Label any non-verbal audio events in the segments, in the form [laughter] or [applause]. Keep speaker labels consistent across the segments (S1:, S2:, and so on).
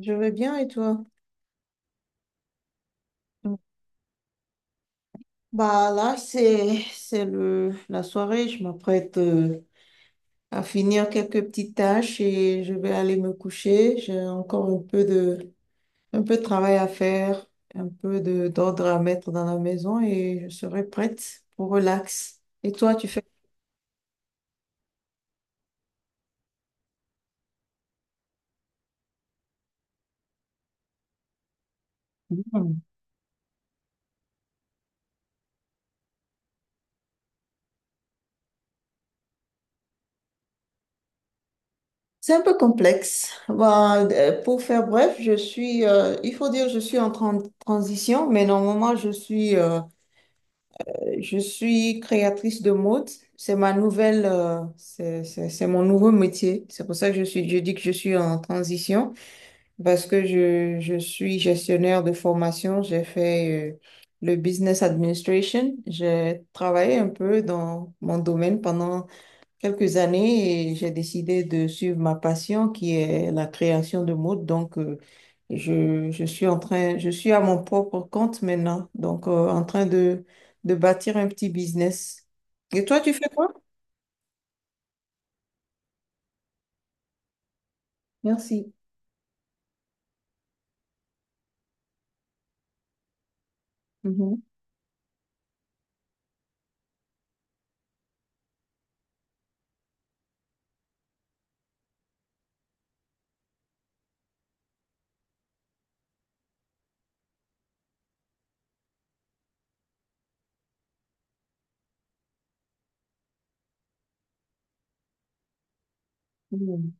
S1: Je vais bien et toi? Mm. Bah là, c'est le la soirée. Je m'apprête à finir quelques petites tâches et je vais aller me coucher. J'ai encore un peu de travail à faire, un peu de d'ordre à mettre dans la maison et je serai prête pour relax. Et toi, tu fais? Mm. C'est un peu complexe. Bah, pour faire bref, il faut dire, je suis en transition, mais normalement, je suis je suis créatrice de mode. C'est ma c'est mon nouveau métier. C'est pour ça que je dis que je suis en transition parce que je suis gestionnaire de formation. J'ai fait, le business administration. J'ai travaillé un peu dans mon domaine pendant quelques années et j'ai décidé de suivre ma passion qui est la création de mode. Donc, je suis à mon propre compte maintenant. Donc, en train de bâtir un petit business. Et toi, tu fais quoi? Merci. Mhm. Mhm.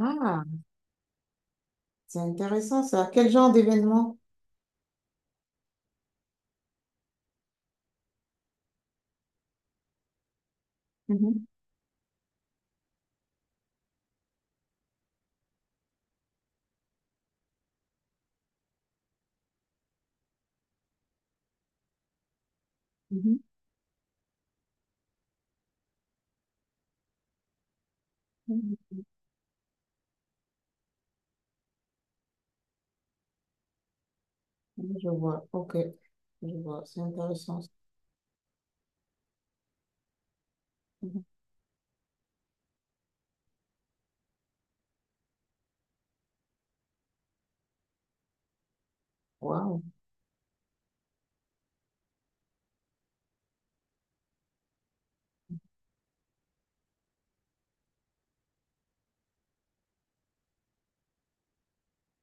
S1: Ah, c'est intéressant ça. Quel genre d'événement? Mhm. Mhm. Mhm. Je vois. OK. Je vois. C'est intéressant ça. Mhm. Wow.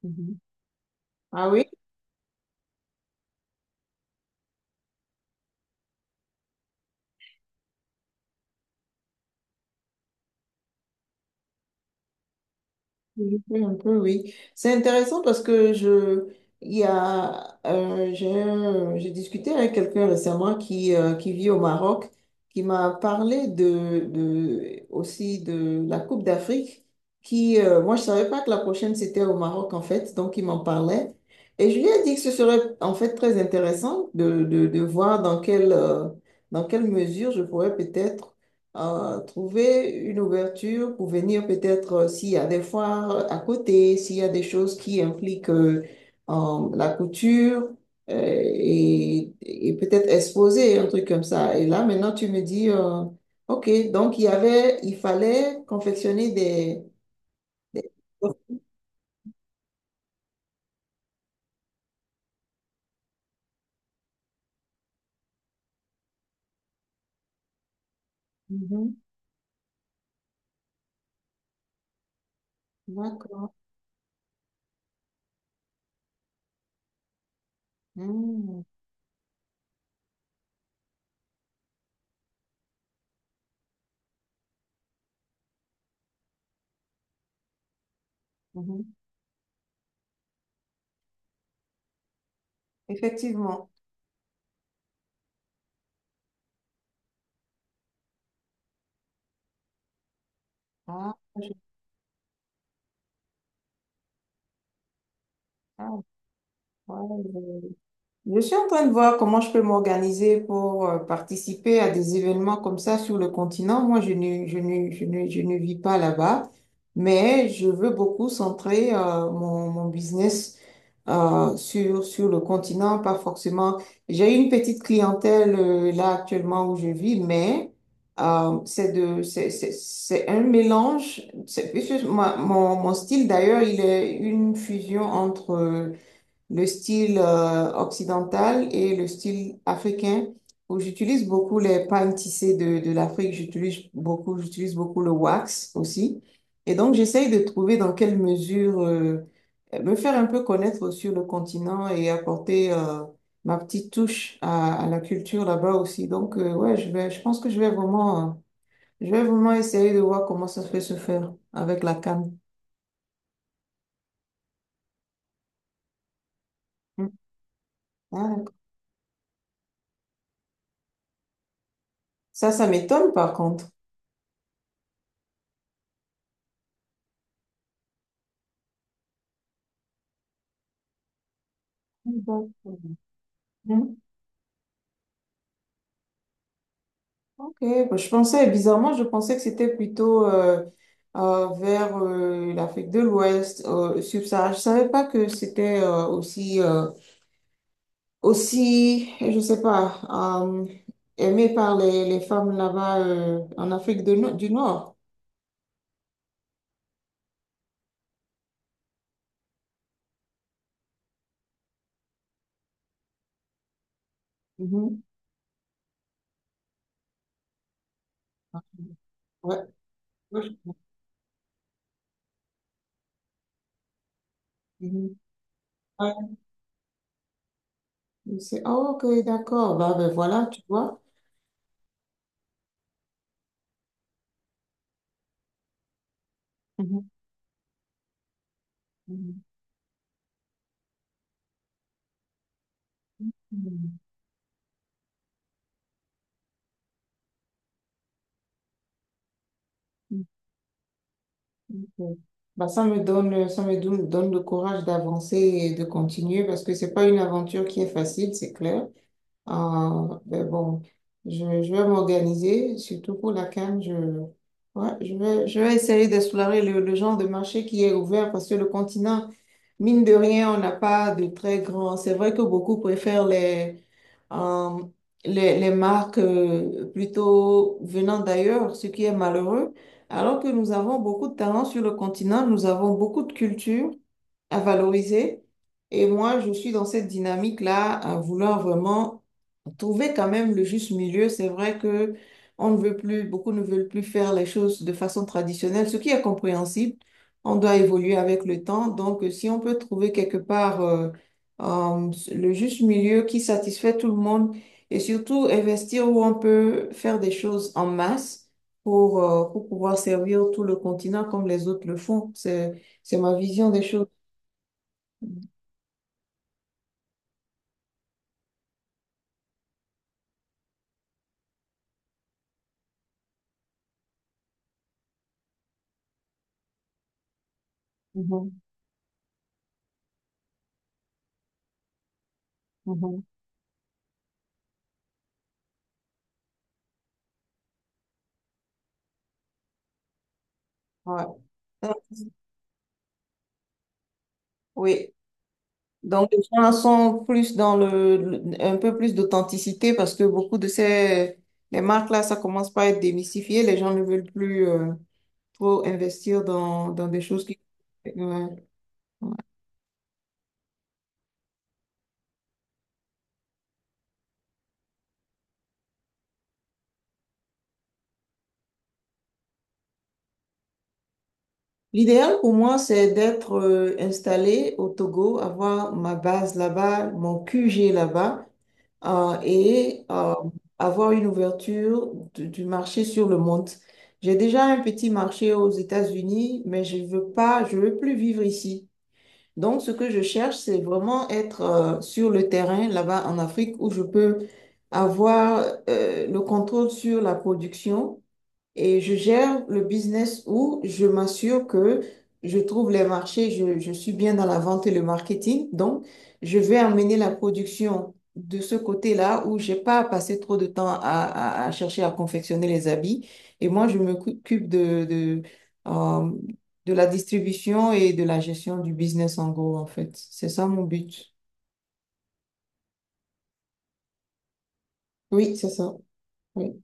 S1: Mhm. Ah oui? Oui, oui, un peu, oui. C'est intéressant parce que j'ai discuté avec quelqu'un récemment qui vit au Maroc, qui m'a parlé aussi de la Coupe d'Afrique, moi, je savais pas que la prochaine c'était au Maroc, en fait, donc il m'en parlait. Et je lui ai dit que ce serait, en fait, très intéressant de voir dans dans quelle mesure je pourrais peut-être trouver une ouverture pour venir peut-être s'il y a des foires à côté, s'il y a des choses qui impliquent la couture et peut-être exposer un truc comme ça. Et là, maintenant, tu me dis, OK, donc il y avait, il fallait confectionner des... des- Mhm. D'accord. Mmh, mhm. Effectivement. Ah, je- ah, ouais, je- Je suis en train de voir comment je peux m'organiser pour participer à des événements comme ça sur le continent. Moi, je ne vis pas là-bas, mais je veux beaucoup centrer mon business sur le continent, pas forcément. J'ai une petite clientèle là actuellement où je vis, mais c'est un mélange. C'est plus- ma- mon style d'ailleurs, il est une fusion entre le style occidental et le style africain où j'utilise beaucoup les pagnes tissées de l'Afrique. J'utilise beaucoup le wax aussi. Et donc, j'essaye de trouver dans quelle mesure me faire un peu connaître sur le continent et apporter ma petite touche à la culture là-bas aussi. Donc, ouais, je pense que je vais vraiment essayer de voir comment ça peut se faire avec la canne. Mm. Ah, d'accord. Ça m'étonne par contre. Mm. Mm. Ok, bah, je pensais, bizarrement, je pensais que c'était plutôt vers l'Afrique de l'Ouest, subsaharienne. Je savais pas que c'était je sais pas, euh, aimé par les femmes là-bas en Afrique du Nord. Mhm. Ouais. Ouais. Mhm. Ouais. Je sais. Ah, ok, d'accord. Bah, ben voilà, tu vois. Mhm. Mhm. Mhm. Ok. Bah, ça me donne, ça me donne le courage d'avancer et de continuer parce que c'est pas une aventure qui est facile, c'est clair. Mais bon, je vais m'organiser, surtout pour la canne. Ouais, je vais essayer d'explorer le genre de marché qui est ouvert parce que le continent, mine de rien, on n'a pas de très grands. C'est vrai que beaucoup préfèrent euh, les marques plutôt venant d'ailleurs, ce qui est malheureux. Alors que nous avons beaucoup de talents sur le continent, nous avons beaucoup de culture à valoriser. Et moi, je suis dans cette dynamique-là, à vouloir vraiment trouver quand même le juste milieu. C'est vrai que on ne veut plus, beaucoup ne veulent plus faire les choses de façon traditionnelle, ce qui est compréhensible. On doit évoluer avec le temps. Donc, si on peut trouver quelque part le juste milieu qui satisfait tout le monde et surtout investir où on peut faire des choses en masse pour pouvoir servir tout le continent comme les autres le font, c'est ma vision des choses. Mhm, mhm, ouais. Oui. Donc, les gens sont plus dans un peu plus d'authenticité parce que beaucoup de ces les marques-là, ça commence par être démystifié. Les gens ne veulent plus trop investir dans des choses qui. Ouais, ouais. L'idéal pour moi, c'est d'être installé au Togo, avoir ma base là-bas, mon QG là-bas. euh, et euh, Avoir une ouverture du marché sur le monde. J'ai déjà un petit marché aux États-Unis, mais je veux pas, je veux plus vivre ici. Donc, ce que je cherche, c'est vraiment être sur le terrain là-bas en Afrique où je peux avoir le contrôle sur la production et je gère le business où je m'assure que je trouve les marchés, je suis bien dans la vente et le marketing. Donc, je vais amener la production de ce côté-là où j'ai pas à passer trop de temps à chercher à confectionner les habits. Et moi, je m'occupe euh, de la distribution et de la gestion du business en gros, en fait. C'est ça mon but. Oui, c'est ça. Oui.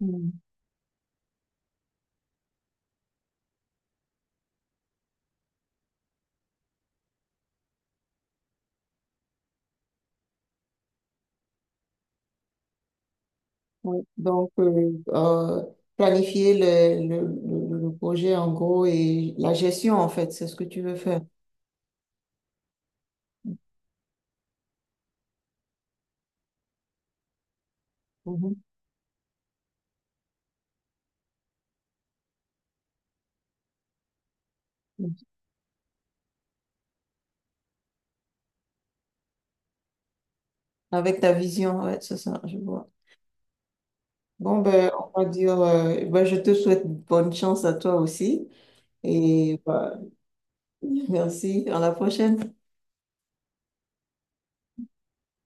S1: Mm. Oui. Donc, planifier le projet en gros et la gestion, en fait, c'est ce que tu veux faire. Mhm. Avec ta vision, ouais, c'est ça, je vois. Bon, ben, on va dire, ben, je te souhaite bonne chance à toi aussi. Et bah, [laughs] merci, à la prochaine.